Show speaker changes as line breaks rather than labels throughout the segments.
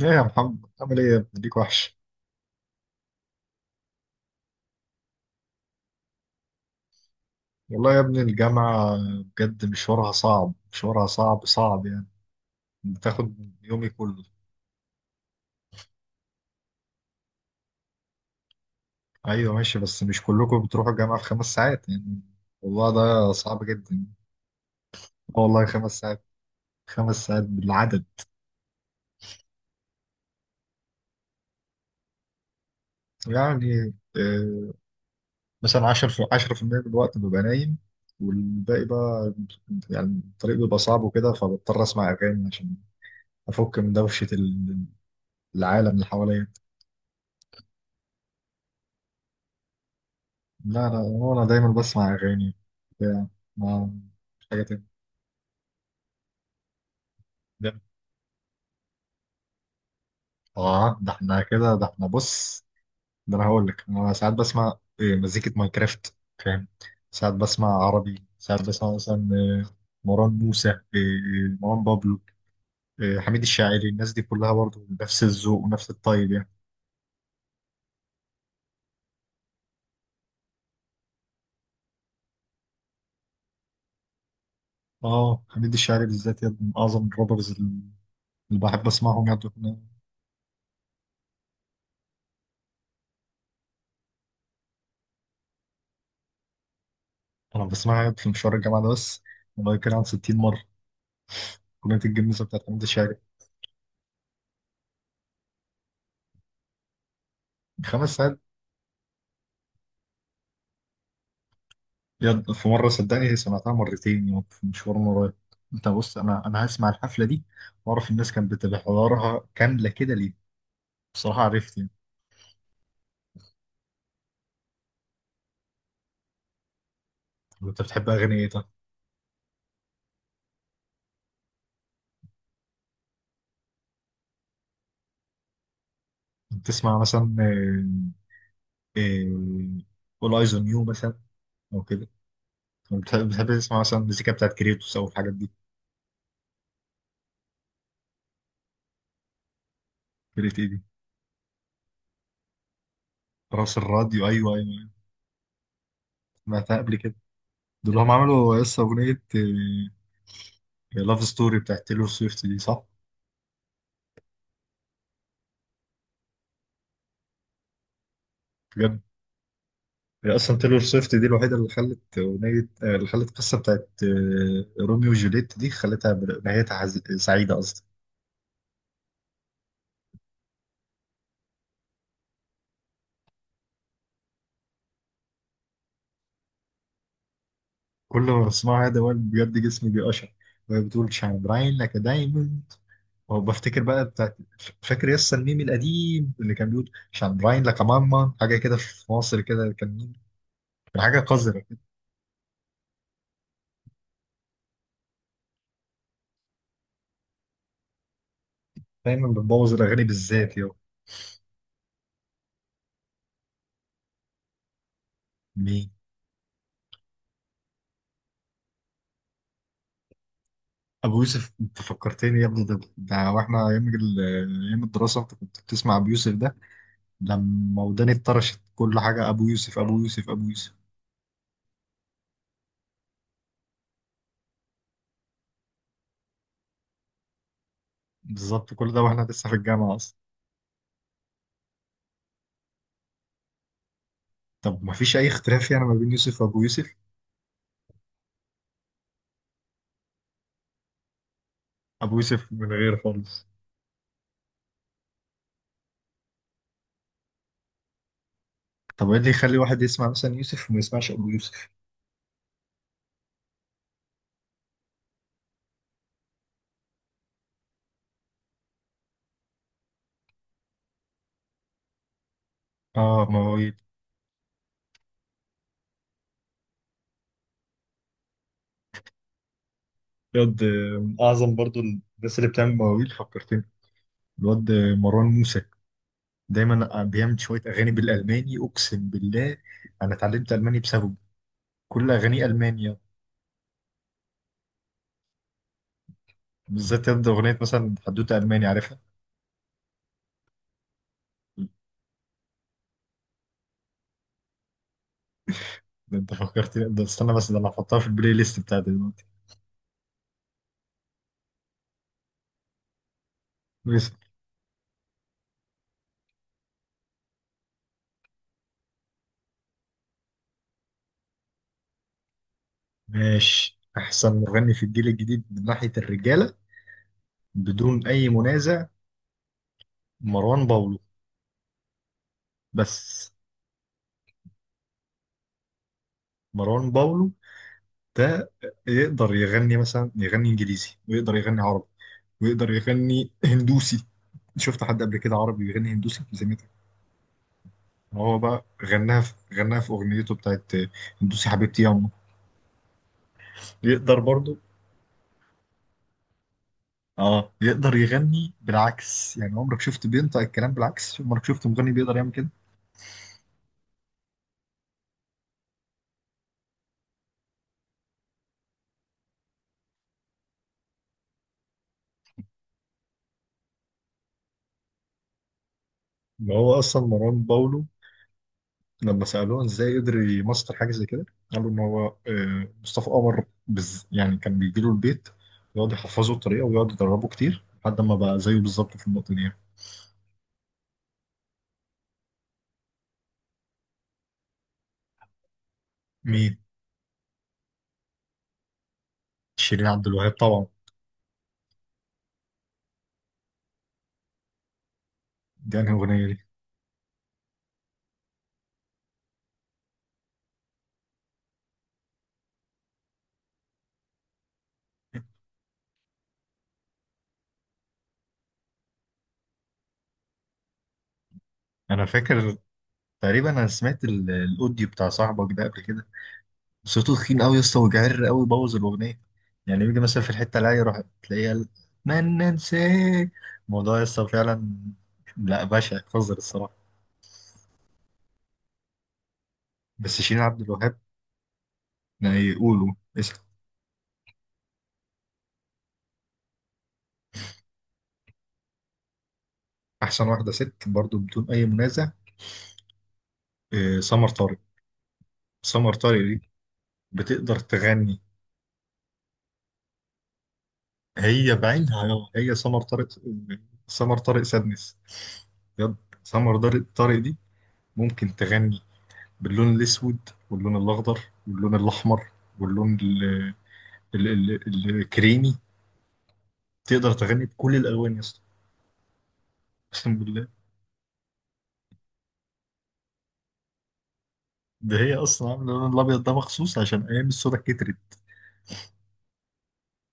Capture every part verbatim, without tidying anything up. ايه يا محمد، عامل ايه يا ابني؟ ليك وحش. والله يا ابني الجامعة بجد مشوارها صعب، مشوارها صعب صعب يعني. بتاخد يومي كله. ايوه ماشي، بس مش كلكم بتروحوا الجامعة في خمس ساعات يعني. والله ده صعب جدا. آه والله خمس ساعات، خمس ساعات بالعدد. يعني آه، مثلا عشرة عشرة في المية من الوقت ببقى نايم، والباقي بقى يعني الطريق بيبقى صعب وكده، فبضطر اسمع اغاني عشان افك من دوشة العالم اللي حواليا. لا لا، هو أنا دايما بسمع أغاني بتاع، ما مش حاجة تانية. ده- آه ده احنا كده، ده احنا بص، ده أنا هقول لك. أنا ساعات بسمع إيه؟ مزيكة ماينكرافت، فاهم. ساعات بسمع عربي، ساعات بسمع مثلا آه، مروان موسى، آه، مروان بابلو، آه، حميد الشاعري. الناس دي كلها برضه نفس الذوق ونفس الطيب يعني. آه حميد الشاعري بالذات يد من أعظم الرابرز اللي اللي بحب أسمعهم يعني. أنا بسمعها في مشوار الجامعة ده بس، والله كان عن ستين مرة أغنية الجميزة بتاعت حميد الشاعري. خمس ساعات. يد- في مرة صدقني سمعتها مرتين يوم، في مشوار مرة. انت بص، انا انا هسمع الحفلة دي واعرف الناس كانت بتبقى حضورها كاملة كده ليه. بصراحة عرفت يعني. طب انت بتحب اغاني ايه طيب؟ بتسمع مثلا اول ايز اون يو مثلا، او كده؟ طب بتحب بتحب تسمع مثلا المزيكا بتاعت كريتوس او الحاجات دي؟ كريت ايه دي؟ راس الراديو؟ ايوه ايوه أيوه. سمعتها قبل كده. دول هم عملوا لسه اغنية لاف ستوري بتاعت تيلور سويفت دي صح؟ بجد. هي اصلا تايلور سويفت دي الوحيده اللي خلت اغنيه، آه، اللي خلت القصه بتاعت آه، روميو وجوليت دي خلتها ب- نهايتها حز- سعيده اصلا. كل ما بسمعها ده وأنا بجد جسمي بيقشعر وهي بتقول شاين براين لك دايموند، وبفتكر بقى بتاعت، فاكر يس الميم القديم اللي كان بيقول شاين براين لك ماما حاجه كده في مصر كده. كان مين؟ كان حاجه قذره كده. دايما بتبوظ الاغاني بالذات يا. مين. ابو يوسف انت فكرتني يا ابني، ده ده واحنا ايام ال- ايام الدراسه، انت كنت بتسمع ابو يوسف ده. لما وداني اتطرشت كل حاجة أبو يوسف أبو يوسف أبو يوسف. بالظبط كل ده وإحنا لسه في الجامعة أصلا. طب ما فيش أي اختلاف يعني ما بين يوسف وأبو يوسف. أبو يوسف من غير خالص. طب إيه اللي يخلي واحد يسمع مثلا يوسف وما يسمعش أبو يوسف؟ آه مواويل. الواد من أعظم برضو الناس اللي بتعمل مواويل، فكرتني. الواد مروان موسى دايما بيعمل شوية أغاني بالألماني أقسم بالله. أنا اتعلمت ألماني بسببه، كل أغانيه ألمانية. بالذات يد أغنية مثلا حدوتة ألماني عارفها. ده انت فكرتني، ده استنى بس، ده انا هحطها في البلاي ليست بتاعتي دلوقتي. بس ماشي، احسن مغني في الجيل الجديد من ناحية الرجالة بدون اي منازع مروان باولو. بس. مروان باولو ده يقدر يغني مثلا، يغني انجليزي ويقدر يغني عربي ويقدر يغني هندوسي. شفت حد قبل كده عربي بيغني هندوسي زميلك؟ هو بقى غناها في غناها في اغنيته بتاعت هندوسي حبيبتي يا أمه. يقدر برضه، اه يقدر يغني بالعكس يعني. عمرك شفت بينطق الكلام بالعكس؟ عمرك شفت مغني بيقدر يعمل كده؟ ما هو اصلا مروان باولو لما سالوه ازاي قدر يمسطر حاجه زي كده، قالوا ان هو آه، مصطفى قمر بز يعني، كان بيجي له البيت يقعد يحفظه الطريقه ويقعد يدربه كتير لحد ما بقى زيه بالظبط في النقطه دي. مين. شيرين عبد الوهاب طبعا. دي انهي اغنيه دي؟ انا فاكر، تقريبا انا سمعت ال- الاوديو بتاع صاحبك ده قبل كده. صوته تخين قوي يا اسطى وجعر قوي، بوظ الاغنيه. يعني يجي مثلا في الحته اللي هي يروح تلاقيها، قال، من ننساه. الموضوع يا اسطى فعلا. لا بشع، قذر الصراحه. بس شيرين عبد الوهاب يعني يقولوا اسم. احسن واحده ست برضو بدون اي منازع آه، سمر طارق. سمر طارق دي بتقدر تغني. هي بعينها، هي سمر طارق، سمر طارق سادنس. بجد. سمر طارق طارق دي ممكن تغني باللون الاسود واللون الاخضر واللون الاحمر واللون ال ال الكريمي. تقدر تغني بكل الالوان يا اسطى. اقسم بالله. ده هي اصلا عامله اللون الابيض ده مخصوص عشان ايام الصودا كترت.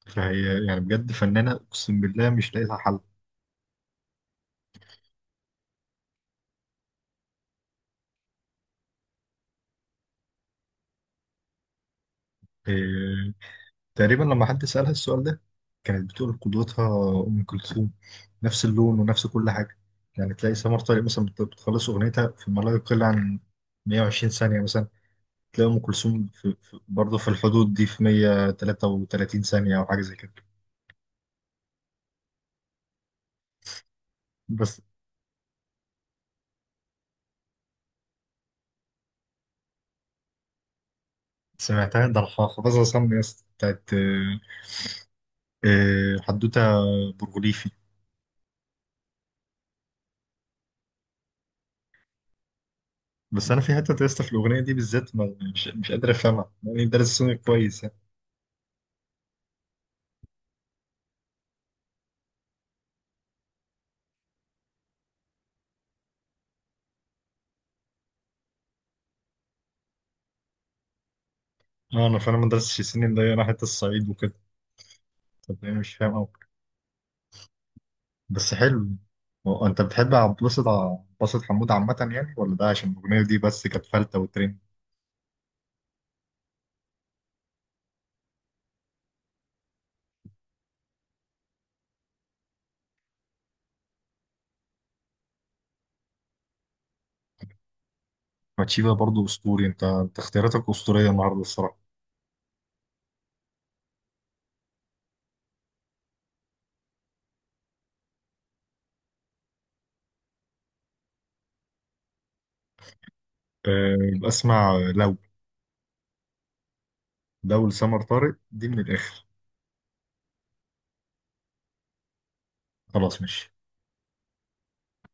فهي يعني بجد فنانه، اقسم بالله مش لاقي لها حل. إيه. تقريبا لما حد سالها السؤال ده كانت بتقول قدوتها ام كلثوم، نفس اللون ونفس كل حاجه. يعني تلاقي سمر طارق مثلا بت- بتخلص اغنيتها في ما لا يقل عن مئة وعشرين ثانيه مثلا، تلاقي ام كلثوم في في برضه في الحدود دي في مية تلاتة وتلاتين ثانيه او حاجه زي كده. بس سمعتها، ده الحاخة بس أصمم يا اسطى بتاعت آه، آه، حدوتة برغوليفي. بس أنا في حتة يا اسطى في الأغنية دي بالذات، ما- مش مش قادر أفهمها يعني، دارس سوني كويس يعني. أه أنا فعلا ما درستش سنين، ده أنا حتة الصعيد وكده. طب أنا مش فاهم أوي. بس حلو. هو أنت بتحب عبد الباسط عبد الباسط حمود عامة يعني ولا ده عشان الأغنية دي بس كانت فلتة وترند؟ ماتشيفا برضه أسطوري. أنت أنت اختياراتك أسطورية النهاردة الصراحة. أه بسمع لو، لو لسمر طارق دي من الآخر. خلاص ماشي